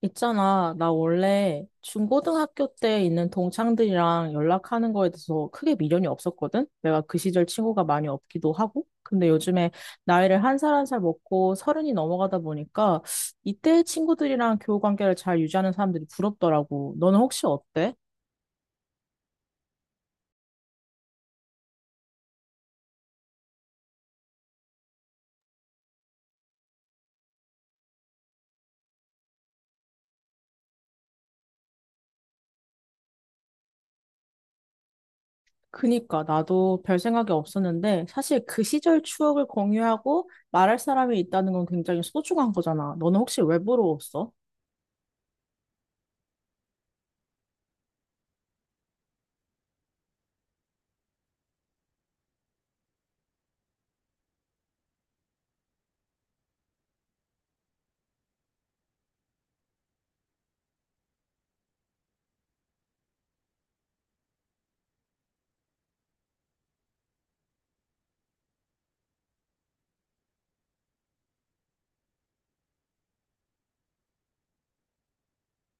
있잖아, 나 원래 중고등학교 때 있는 동창들이랑 연락하는 거에 대해서 크게 미련이 없었거든? 내가 그 시절 친구가 많이 없기도 하고. 근데 요즘에 나이를 한 살 한 살 먹고 서른이 넘어가다 보니까 이때 친구들이랑 교우 관계를 잘 유지하는 사람들이 부럽더라고. 너는 혹시 어때? 그니까 나도 별 생각이 없었는데 사실 그 시절 추억을 공유하고 말할 사람이 있다는 건 굉장히 소중한 거잖아. 너는 혹시 왜 부러웠어?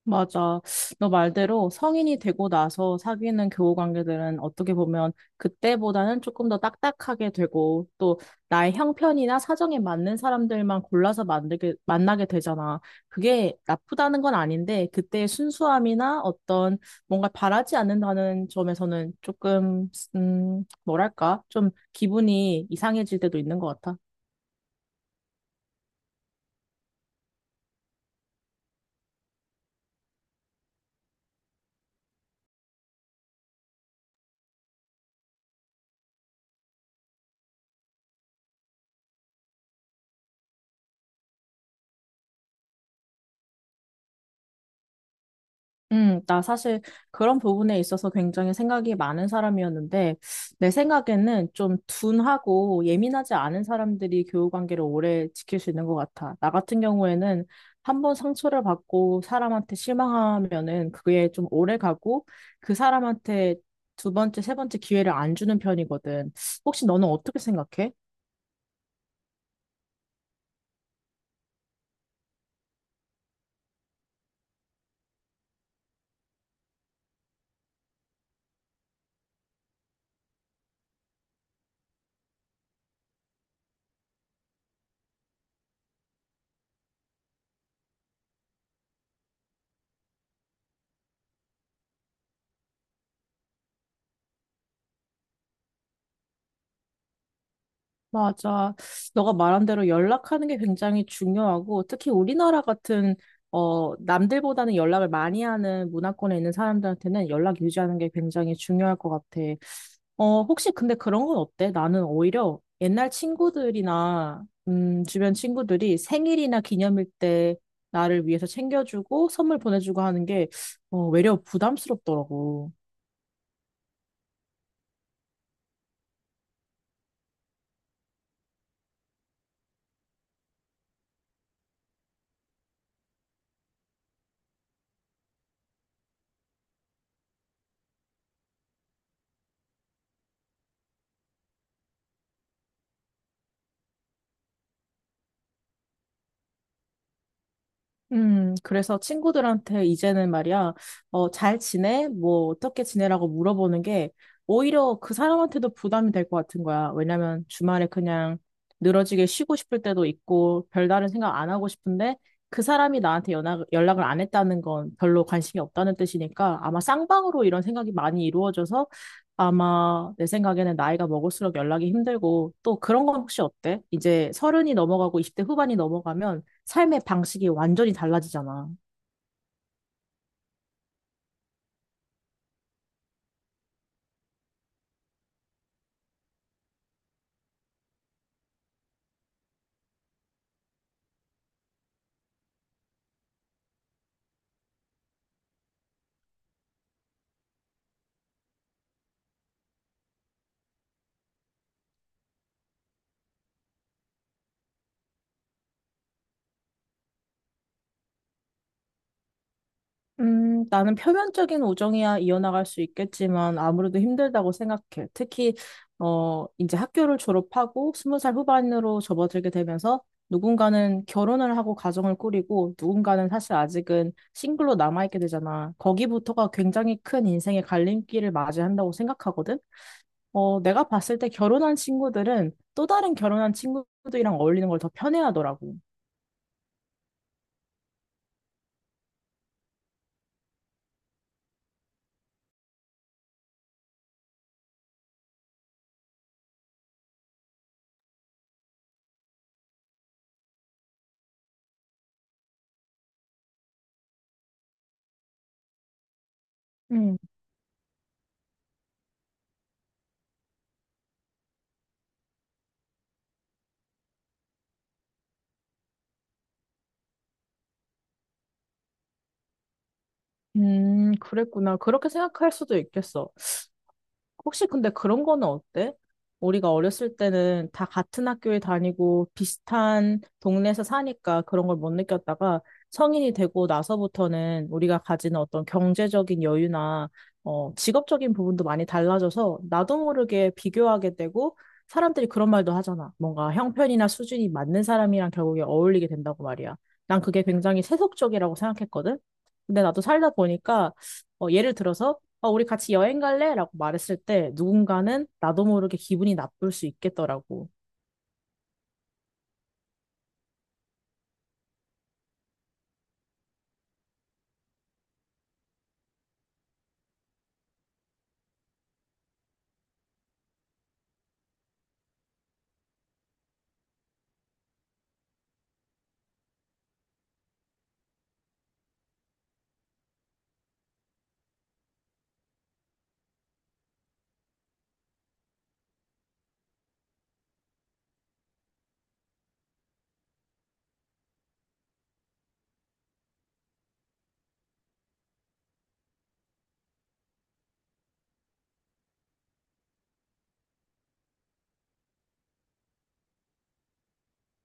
맞아. 너 말대로 성인이 되고 나서 사귀는 교우 관계들은 어떻게 보면 그때보다는 조금 더 딱딱하게 되고 또 나의 형편이나 사정에 맞는 사람들만 골라서 만나게 되잖아. 그게 나쁘다는 건 아닌데 그때의 순수함이나 어떤 뭔가 바라지 않는다는 점에서는 조금, 뭐랄까? 좀 기분이 이상해질 때도 있는 것 같아. 나 사실 그런 부분에 있어서 굉장히 생각이 많은 사람이었는데, 내 생각에는 좀 둔하고 예민하지 않은 사람들이 교우관계를 오래 지킬 수 있는 것 같아. 나 같은 경우에는 한 번 상처를 받고 사람한테 실망하면은 그게 좀 오래 가고 그 사람한테 두 번째, 세 번째 기회를 안 주는 편이거든. 혹시 너는 어떻게 생각해? 맞아. 너가 말한 대로 연락하는 게 굉장히 중요하고, 특히 우리나라 같은, 남들보다는 연락을 많이 하는 문화권에 있는 사람들한테는 연락 유지하는 게 굉장히 중요할 것 같아. 혹시 근데 그런 건 어때? 나는 오히려 옛날 친구들이나, 주변 친구들이 생일이나 기념일 때 나를 위해서 챙겨주고 선물 보내주고 하는 게, 외려 부담스럽더라고. 그래서 친구들한테 이제는 말이야, 잘 지내? 뭐, 어떻게 지내라고 물어보는 게 오히려 그 사람한테도 부담이 될 것 같은 거야. 왜냐면 주말에 그냥 늘어지게 쉬고 싶을 때도 있고, 별다른 생각 안 하고 싶은데 그 사람이 나한테 연락을 안 했다는 건 별로 관심이 없다는 뜻이니까 아마 쌍방으로 이런 생각이 많이 이루어져서 아마 내 생각에는 나이가 먹을수록 연락이 힘들고 또 그런 건 혹시 어때? 이제 서른이 넘어가고 20대 후반이 넘어가면 삶의 방식이 완전히 달라지잖아. 나는 표면적인 우정이야 이어나갈 수 있겠지만 아무래도 힘들다고 생각해. 특히, 이제 학교를 졸업하고 스무 살 후반으로 접어들게 되면서 누군가는 결혼을 하고 가정을 꾸리고 누군가는 사실 아직은 싱글로 남아있게 되잖아. 거기부터가 굉장히 큰 인생의 갈림길을 맞이한다고 생각하거든. 내가 봤을 때 결혼한 친구들은 또 다른 결혼한 친구들이랑 어울리는 걸 더 편해하더라고. 그랬구나. 그렇게 생각할 수도 있겠어. 혹시 근데 그런 거는 어때? 우리가 어렸을 때는 다 같은 학교에 다니고 비슷한 동네에서 사니까 그런 걸 못 느꼈다가 성인이 되고 나서부터는 우리가 가지는 어떤 경제적인 여유나 직업적인 부분도 많이 달라져서 나도 모르게 비교하게 되고 사람들이 그런 말도 하잖아. 뭔가 형편이나 수준이 맞는 사람이랑 결국에 어울리게 된다고 말이야. 난 그게 굉장히 세속적이라고 생각했거든. 근데 나도 살다 보니까 예를 들어서 우리 같이 여행 갈래? 라고 말했을 때 누군가는 나도 모르게 기분이 나쁠 수 있겠더라고.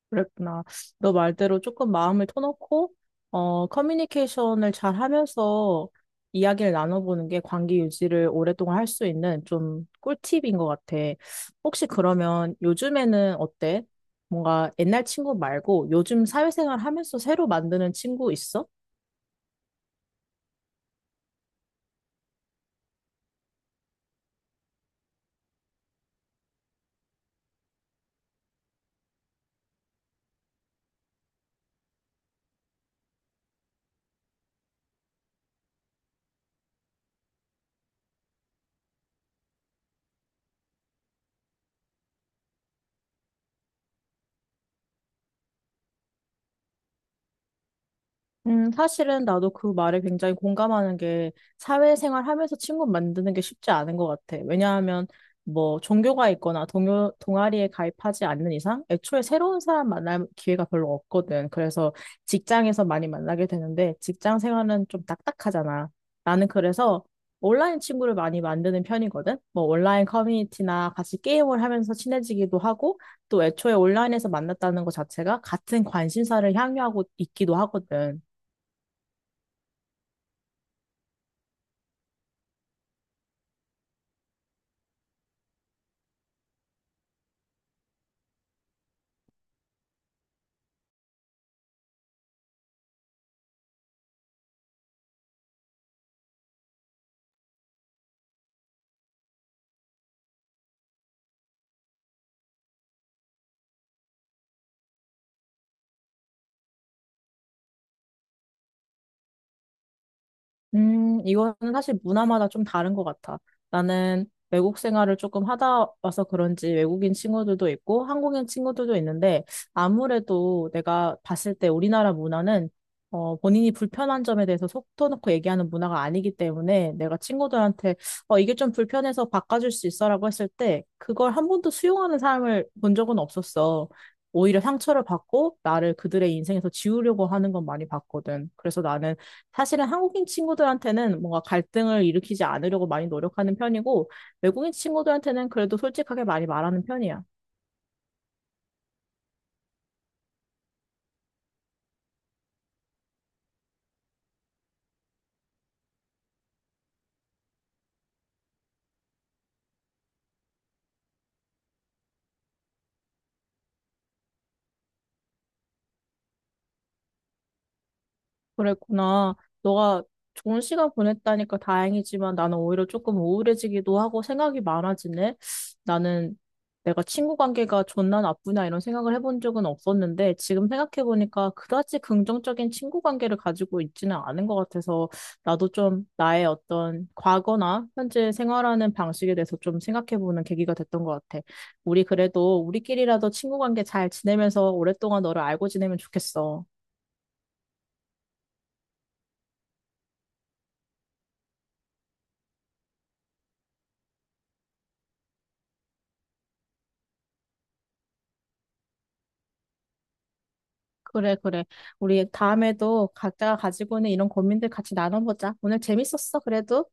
그랬구나. 너 말대로 조금 마음을 터놓고, 커뮤니케이션을 잘 하면서 이야기를 나눠보는 게 관계 유지를 오랫동안 할 수 있는 좀 꿀팁인 것 같아. 혹시 그러면 요즘에는 어때? 뭔가 옛날 친구 말고 요즘 사회생활 하면서 새로 만드는 친구 있어? 사실은 나도 그 말에 굉장히 공감하는 게 사회생활 하면서 친구 만드는 게 쉽지 않은 것 같아. 왜냐하면 뭐 종교가 있거나 동아리에 가입하지 않는 이상 애초에 새로운 사람 만날 기회가 별로 없거든. 그래서 직장에서 많이 만나게 되는데 직장 생활은 좀 딱딱하잖아. 나는 그래서 온라인 친구를 많이 만드는 편이거든. 뭐 온라인 커뮤니티나 같이 게임을 하면서 친해지기도 하고 또 애초에 온라인에서 만났다는 것 자체가 같은 관심사를 향유하고 있기도 하거든. 이거는 사실 문화마다 좀 다른 것 같아. 나는 외국 생활을 조금 하다 와서 그런지 외국인 친구들도 있고 한국인 친구들도 있는데 아무래도 내가 봤을 때 우리나라 문화는 본인이 불편한 점에 대해서 속 터놓고 얘기하는 문화가 아니기 때문에 내가 친구들한테 이게 좀 불편해서 바꿔줄 수 있어라고 했을 때 그걸 한 번도 수용하는 사람을 본 적은 없었어. 오히려 상처를 받고 나를 그들의 인생에서 지우려고 하는 건 많이 봤거든. 그래서 나는 사실은 한국인 친구들한테는 뭔가 갈등을 일으키지 않으려고 많이 노력하는 편이고, 외국인 친구들한테는 그래도 솔직하게 많이 말하는 편이야. 그랬구나. 너가 좋은 시간 보냈다니까 다행이지만 나는 오히려 조금 우울해지기도 하고 생각이 많아지네. 나는 내가 친구 관계가 좋나 나쁘나 이런 생각을 해본 적은 없었는데 지금 생각해보니까 그다지 긍정적인 친구 관계를 가지고 있지는 않은 것 같아서 나도 좀 나의 어떤 과거나 현재 생활하는 방식에 대해서 좀 생각해보는 계기가 됐던 것 같아. 우리 그래도 우리끼리라도 친구 관계 잘 지내면서 오랫동안 너를 알고 지내면 좋겠어. 그래, 그래. 우리 다음에도 각자가 가지고 있는 이런 고민들 같이 나눠보자. 오늘 재밌었어, 그래도.